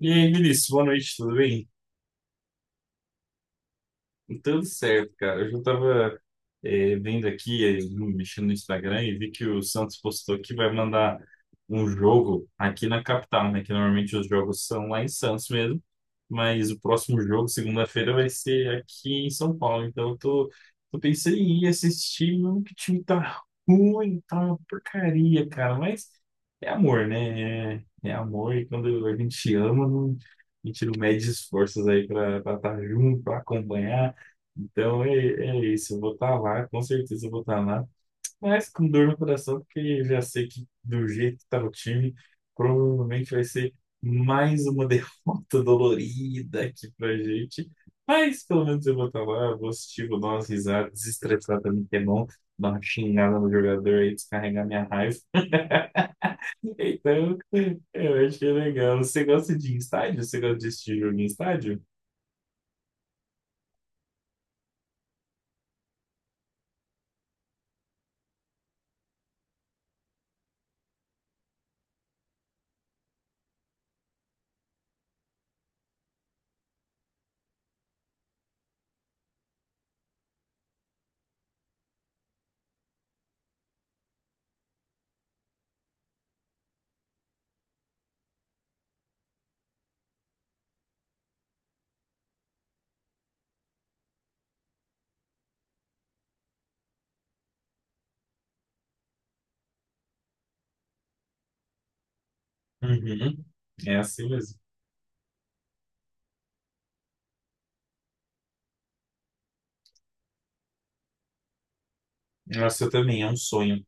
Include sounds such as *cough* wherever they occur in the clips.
E aí, Vinícius, boa noite, tudo bem? Tudo certo, cara. Eu já tava vendo aqui, mexendo no Instagram e vi que o Santos postou que vai mandar um jogo aqui na capital, né? Que normalmente os jogos são lá em Santos mesmo, mas o próximo jogo, segunda-feira, vai ser aqui em São Paulo. Então eu tô, pensando em ir assistir, mano, que o time tá ruim, tá uma porcaria, cara. Mas é amor, né? É amor e quando a gente ama, a gente não mede esforços aí pra estar junto, pra acompanhar. Então é isso, eu vou estar lá, com certeza eu vou estar lá, mas com dor no coração, porque já sei que do jeito que está o time, provavelmente vai ser mais uma *laughs* derrota dolorida aqui pra gente. Mas pelo menos eu vou estar lá, eu vou assistir, vou dar umas risadas, desestressar também, que é bom, dar uma xingada no jogador aí, descarregar minha raiva. *laughs* Então, eu acho que é legal. Você gosta de ir em estádio? Você gosta de assistir jogo em estádio? Uhum. É assim mesmo. Nossa, também é um sonho.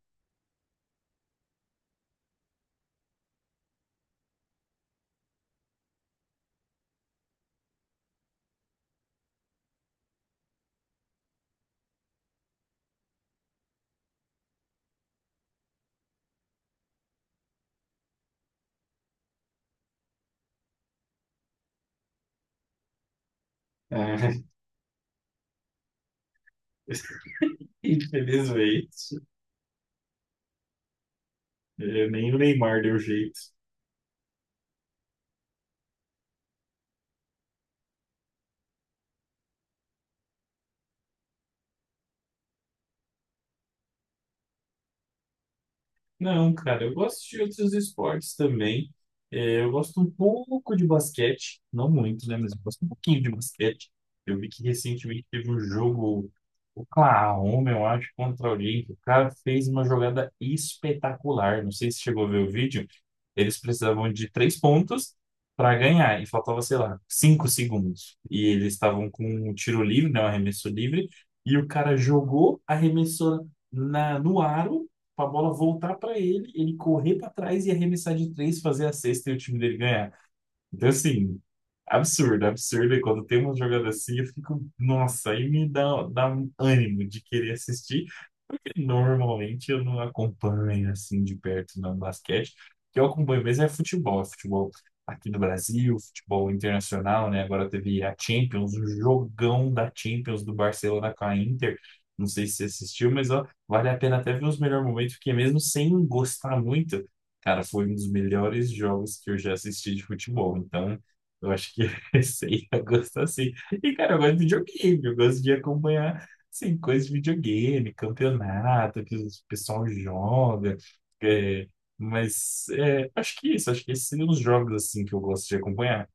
É, *laughs* infelizmente, é, nem o Neymar deu jeito. Não, cara, eu gosto de outros esportes também. É, eu gosto um pouco de basquete, não muito, né? Mas eu gosto um pouquinho de basquete. Eu vi que recentemente teve um jogo, Oklahoma, eu acho, contra alguém, que o cara fez uma jogada espetacular. Não sei se chegou a ver o vídeo. Eles precisavam de três pontos para ganhar, e faltava, sei lá, 5 segundos. E eles estavam com um tiro livre, né, um arremesso livre, e o cara jogou, a arremessora no aro, para a bola voltar para ele, ele correr para trás e arremessar de três, fazer a cesta e o time dele ganhar. Então, assim, absurdo, absurdo. E quando tem uma jogada assim, eu fico, nossa, dá um ânimo de querer assistir, porque normalmente eu não acompanho assim de perto no basquete. O que eu acompanho mesmo é futebol aqui do Brasil, futebol internacional, né? Agora teve a Champions, o jogão da Champions do Barcelona com a Inter. Não sei se você assistiu, mas ó, vale a pena até ver os melhores momentos, porque mesmo sem gostar muito. Cara, foi um dos melhores jogos que eu já assisti de futebol, então eu acho que *laughs* você ia gostar sim. E, cara, eu gosto de videogame, eu gosto de acompanhar, assim, coisas de videogame, campeonato, que o pessoal joga, é, mas acho que é isso, acho que esses seriam os jogos, assim, que eu gosto de acompanhar.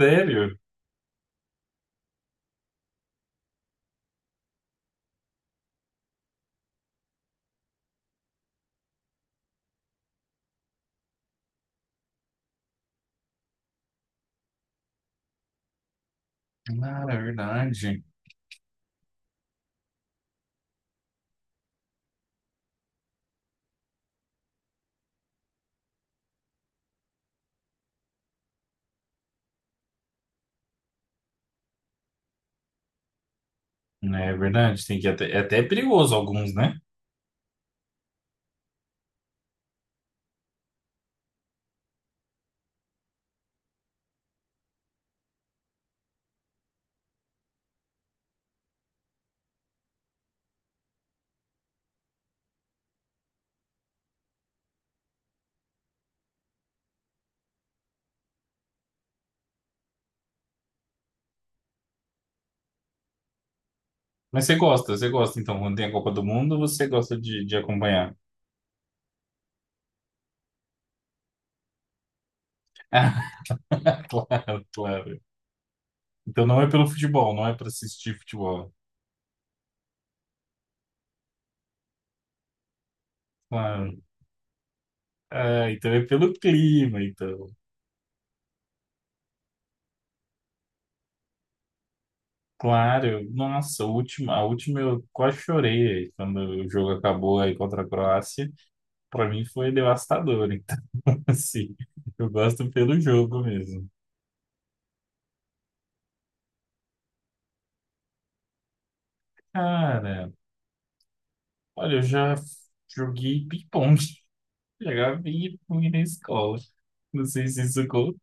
Sério? Cara, é verdade. É verdade, tem que é até perigoso alguns, né? Mas você gosta, então, quando tem a Copa do Mundo, você gosta de acompanhar. *laughs* Claro, claro. Então não é pelo futebol, não é para assistir futebol. Claro. Ah, então é pelo clima, então. Claro, nossa, a última eu quase chorei aí, quando o jogo acabou aí contra a Croácia. Para mim foi devastador, então *laughs* assim, eu gosto pelo jogo mesmo. Cara, olha, eu já joguei ping-pong, *laughs* jogava ping-pong na escola. Não sei se isso conta,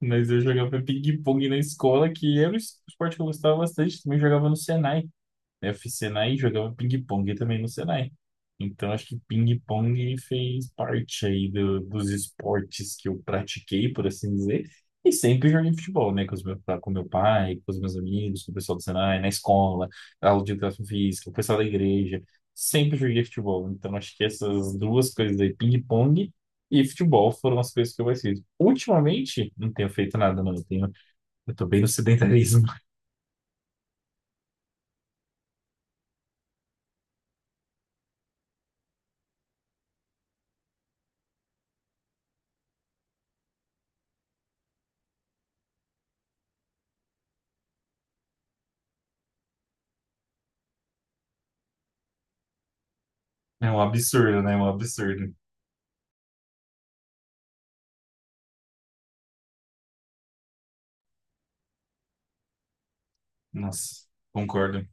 mas eu jogava ping-pong na escola, que era um esporte que eu gostava bastante, também jogava no Senai. Eu fiz Senai e jogava ping-pong também no Senai. Então, acho que ping-pong fez parte aí dos esportes que eu pratiquei, por assim dizer. E sempre joguei futebol, né? Com meu pai, com os meus amigos, com o pessoal do Senai, na escola, aula de educação física, o pessoal da igreja. Sempre joguei futebol. Então, acho que essas duas coisas aí, ping-pong e futebol, foram as coisas que eu mais fiz. Ultimamente, não tenho feito nada, não. Eu tô bem no sedentarismo. *laughs* É um absurdo, né? É um absurdo. Nossa, concordo.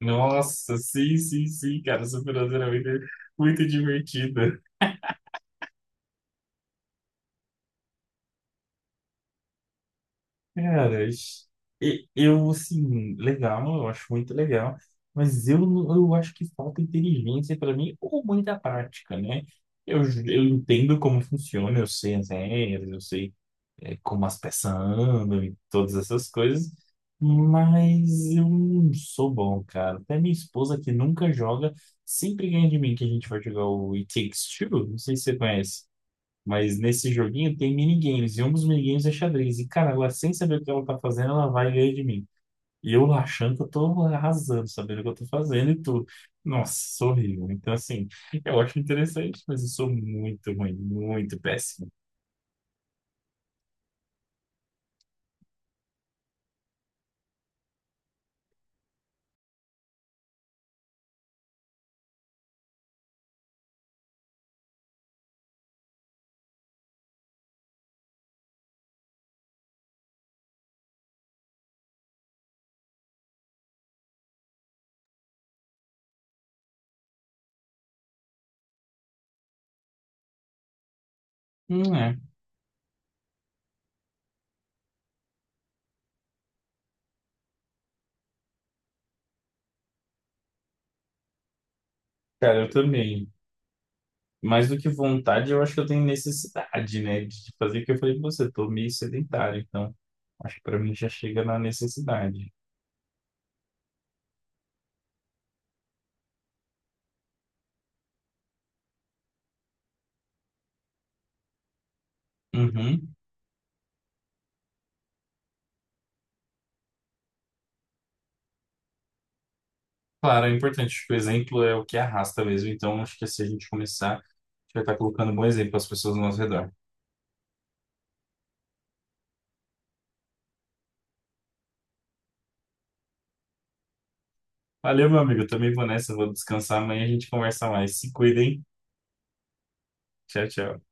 Nossa, sim, sim, sim, cara, essa finança era muito, muito divertida. Cara, ixi, eu, assim, legal, eu acho muito legal, mas eu acho que falta inteligência para mim ou muita prática, né? Eu entendo como funciona, eu sei as regras, eu sei como as peças andam e todas essas coisas, mas eu não sou bom, cara. Até minha esposa, que nunca joga, sempre ganha de mim que a gente vai jogar o It Takes Two, não sei se você conhece. Mas nesse joguinho tem minigames, e um dos minigames é xadrez. E, cara, ela sem saber o que ela tá fazendo, ela vai e ganha de mim. E eu lá achando que eu tô arrasando, sabendo o que eu tô fazendo e tudo. Nossa, sou horrível. Então, assim, eu acho interessante, mas eu sou muito ruim, muito péssimo. Não é. Cara, eu também. Mais do que vontade, eu acho que eu tenho necessidade, né, de fazer o que eu falei pra você. Tô meio sedentário, então acho que pra mim já chega na necessidade. Uhum. Claro, é importante. Acho que o exemplo é o que arrasta mesmo. Então acho que se a gente começar, a gente vai estar colocando um bom exemplo às pessoas ao nosso redor. Valeu, meu amigo. Eu também vou nessa. Vou descansar. Amanhã a gente conversa mais. Se cuidem. Tchau, tchau.